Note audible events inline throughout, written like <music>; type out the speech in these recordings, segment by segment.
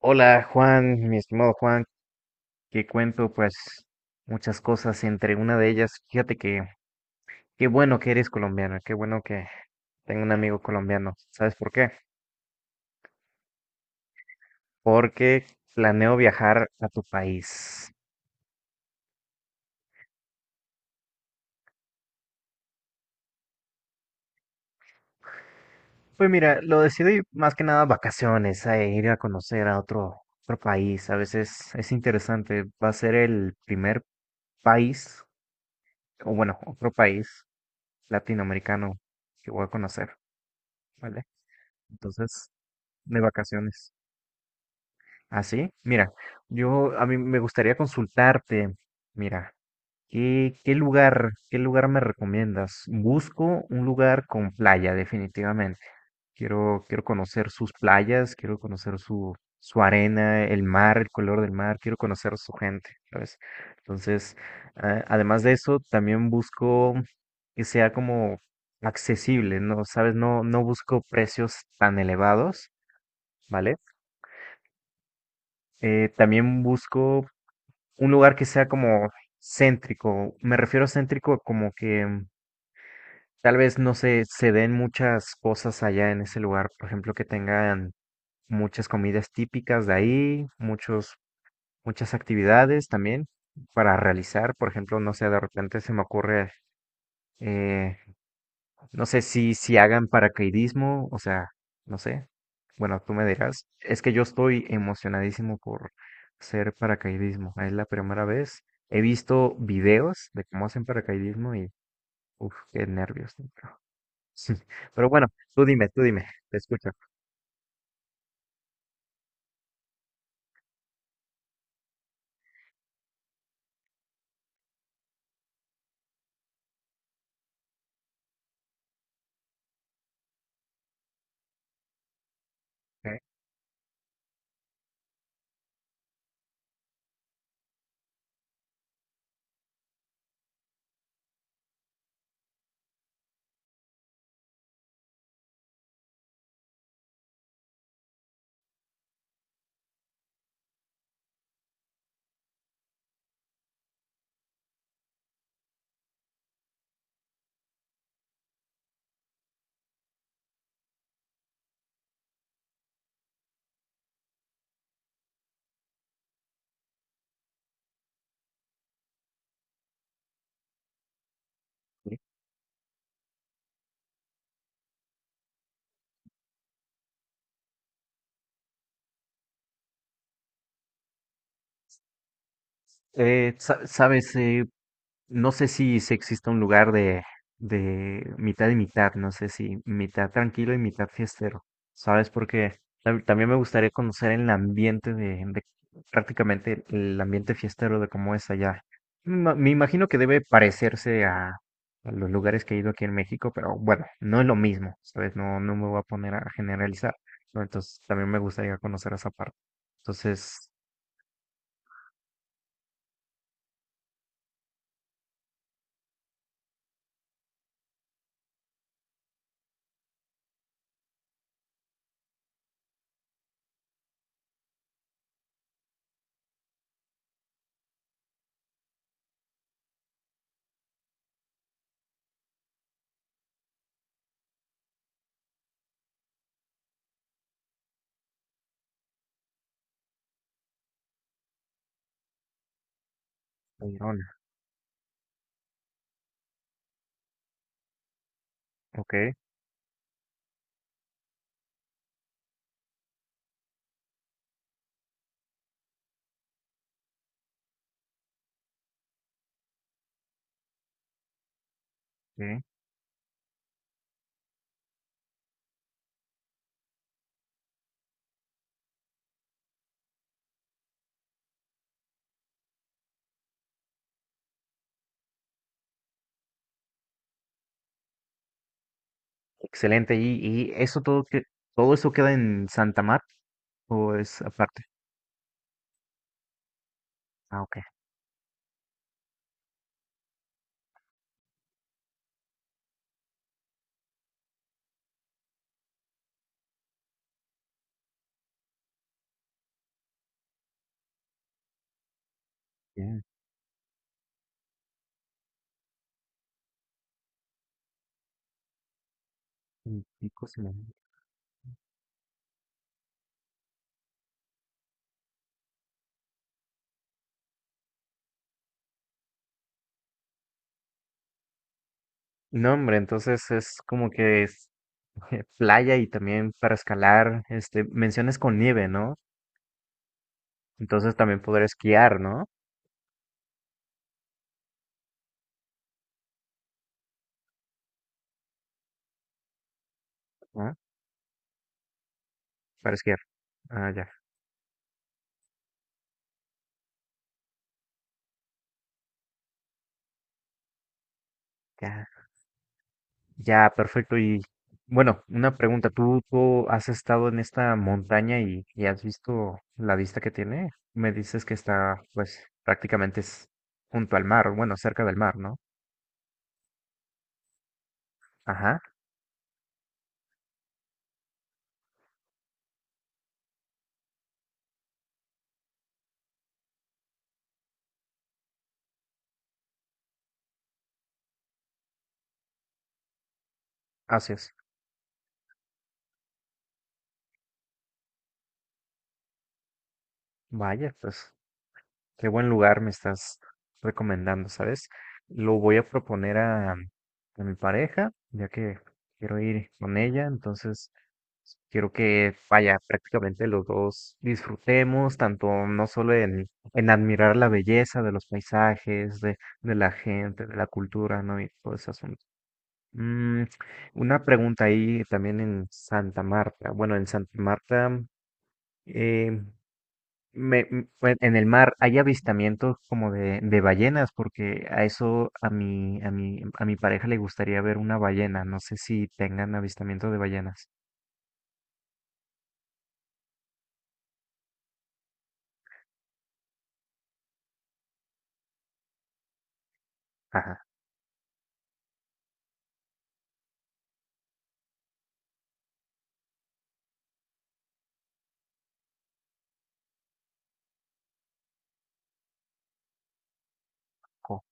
Hola Juan, mi estimado Juan, que cuento pues muchas cosas. Entre una de ellas, fíjate que qué bueno que eres colombiano, qué bueno que tengo un amigo colombiano. ¿Sabes por qué? Porque planeo viajar a tu país. Pues mira, lo decidí más que nada vacaciones, a ir a conocer a otro, otro país. A veces es interesante. Va a ser el primer país, o bueno, otro país latinoamericano que voy a conocer, ¿vale? Entonces, de vacaciones. ¿Ah, sí? Mira, yo a mí me gustaría consultarte. Mira, ¿qué lugar, qué lugar me recomiendas? Busco un lugar con playa, definitivamente. Quiero conocer sus playas, quiero conocer su, su arena, el mar, el color del mar. Quiero conocer su gente, ¿sabes? Entonces, además de eso, también busco que sea como accesible, ¿no? ¿Sabes? No busco precios tan elevados, ¿vale? También busco un lugar que sea como céntrico. Me refiero a céntrico como que tal vez no se den muchas cosas allá en ese lugar. Por ejemplo, que tengan muchas comidas típicas de ahí, muchos, muchas actividades también para realizar. Por ejemplo, no sé, de repente se me ocurre eh, no sé si, si hagan paracaidismo, o sea, no sé. Bueno, tú me dirás. Es que yo estoy emocionadísimo por hacer paracaidismo. Es la primera vez. He visto videos de cómo hacen paracaidismo y, uff, qué nervios, ¿no? Pero <laughs> pero bueno, tú dime, te escucho. Ok. Sí. ¿Sabes? No sé si, si existe un lugar de mitad y mitad, no sé si mitad tranquilo y mitad fiestero, ¿sabes? Porque también me gustaría conocer el ambiente de, prácticamente el ambiente fiestero de cómo es allá. Me imagino que debe parecerse a los lugares que he ido aquí en México, pero bueno, no es lo mismo, ¿sabes? No me voy a poner a generalizar, ¿no? Entonces también me gustaría conocer esa parte. Entonces, Girona, ok, ok. Excelente. Y eso todo que todo eso queda en Santa Mar o es aparte? Ah, ok. Bien. Mm, Pico Sinaloa. No, hombre, entonces es como que es <laughs> playa y también para escalar, este, menciones con nieve, ¿no? Entonces también poder esquiar, ¿no? ¿Ah? Para esquiar. Ah, ya. Ya. Ya, perfecto. Y bueno, una pregunta. ¿Tú has estado en esta montaña y has visto la vista que tiene? Me dices que está, pues, prácticamente es junto al mar, bueno, cerca del mar, ¿no? Ajá, así es. Vaya, pues, qué buen lugar me estás recomendando, ¿sabes? Lo voy a proponer a mi pareja, ya que quiero ir con ella. Entonces quiero que, vaya, prácticamente los dos disfrutemos tanto no solo en admirar la belleza de los paisajes, de la gente, de la cultura, ¿no? Y todo ese asunto. Mm, una pregunta ahí también en Santa Marta. Bueno, en Santa Marta, eh, en el mar hay avistamientos como de ballenas, porque a eso a mi, a mi, a mi pareja le gustaría ver una ballena. No sé si tengan avistamiento de ballenas. Ajá. Ok.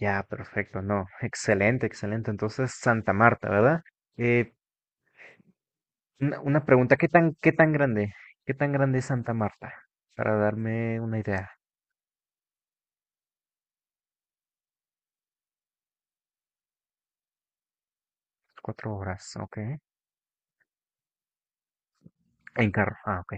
Ya, perfecto, no. Excelente, excelente. Entonces, Santa Marta, ¿verdad? Eh, una pregunta, qué tan grande? ¿Qué tan grande es Santa Marta? Para darme una idea. Cuatro horas, ok. En carro, ah, ok.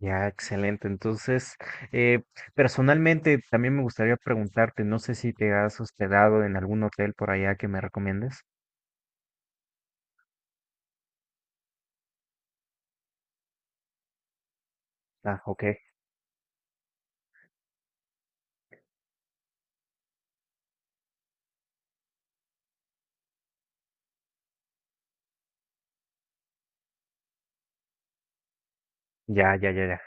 Ya, excelente. Entonces, eh, personalmente también me gustaría preguntarte, no sé si te has hospedado en algún hotel por allá que me recomiendes. Ah, ok. Ya, ya, ya, ya.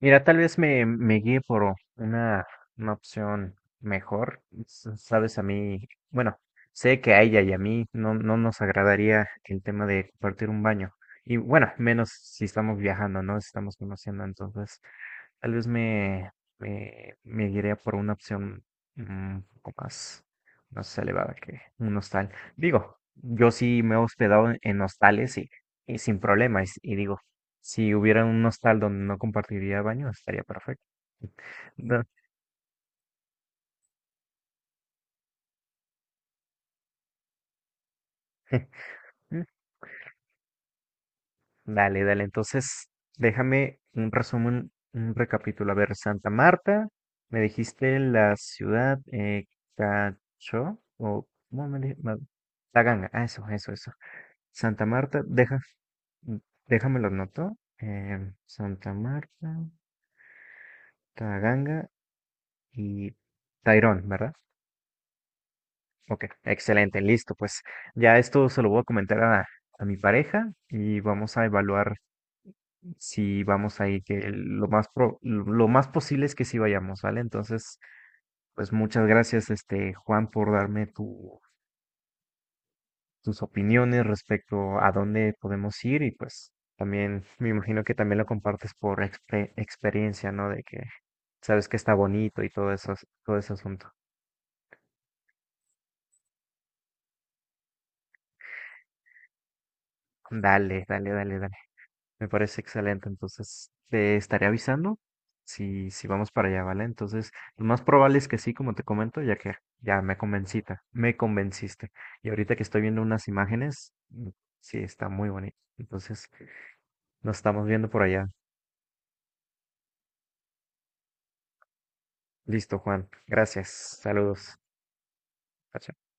Mira, tal vez me, me guíe por una opción mejor. Sabes, a mí, bueno, sé que a ella y a mí no, no nos agradaría el tema de compartir un baño. Y bueno, menos si estamos viajando, ¿no? Si estamos conociendo, entonces tal vez me, me, me guiaría por una opción mm, un poco más, más elevada que un hostal. Digo, yo sí me he hospedado en hostales y sin problema. Y, y digo, si hubiera un hostal donde no compartiría baño, estaría perfecto. <laughs> No. <laughs> Dale, dale. Entonces, déjame un resumen, un recapítulo. A ver, Santa Marta, me dijiste la ciudad, Cacho, o ¿cómo me Taganga. Ah, eso, eso, eso. Santa Marta, deja, mm, déjame lo anoto. Santa Marta, Taganga y Tairón, ¿verdad? Ok, excelente, listo. Pues ya esto se lo voy a comentar a mi pareja y vamos a evaluar si vamos ahí, que lo más lo más posible es que sí vayamos, ¿vale? Entonces, pues muchas gracias, este, Juan, por darme tus opiniones respecto a dónde podemos ir. Y pues también me imagino que también lo compartes por experiencia, ¿no? De que sabes que está bonito y todo eso, todo ese asunto. Dale, dale, dale, dale. Me parece excelente. Entonces, te estaré avisando si, si vamos para allá, ¿vale? Entonces, lo más probable es que sí, como te comento, ya que ya me me convenciste. Y ahorita que estoy viendo unas imágenes, mm, sí, está muy bonito. Entonces, nos estamos viendo por allá. Listo, Juan. Gracias. Saludos. Chao, chao.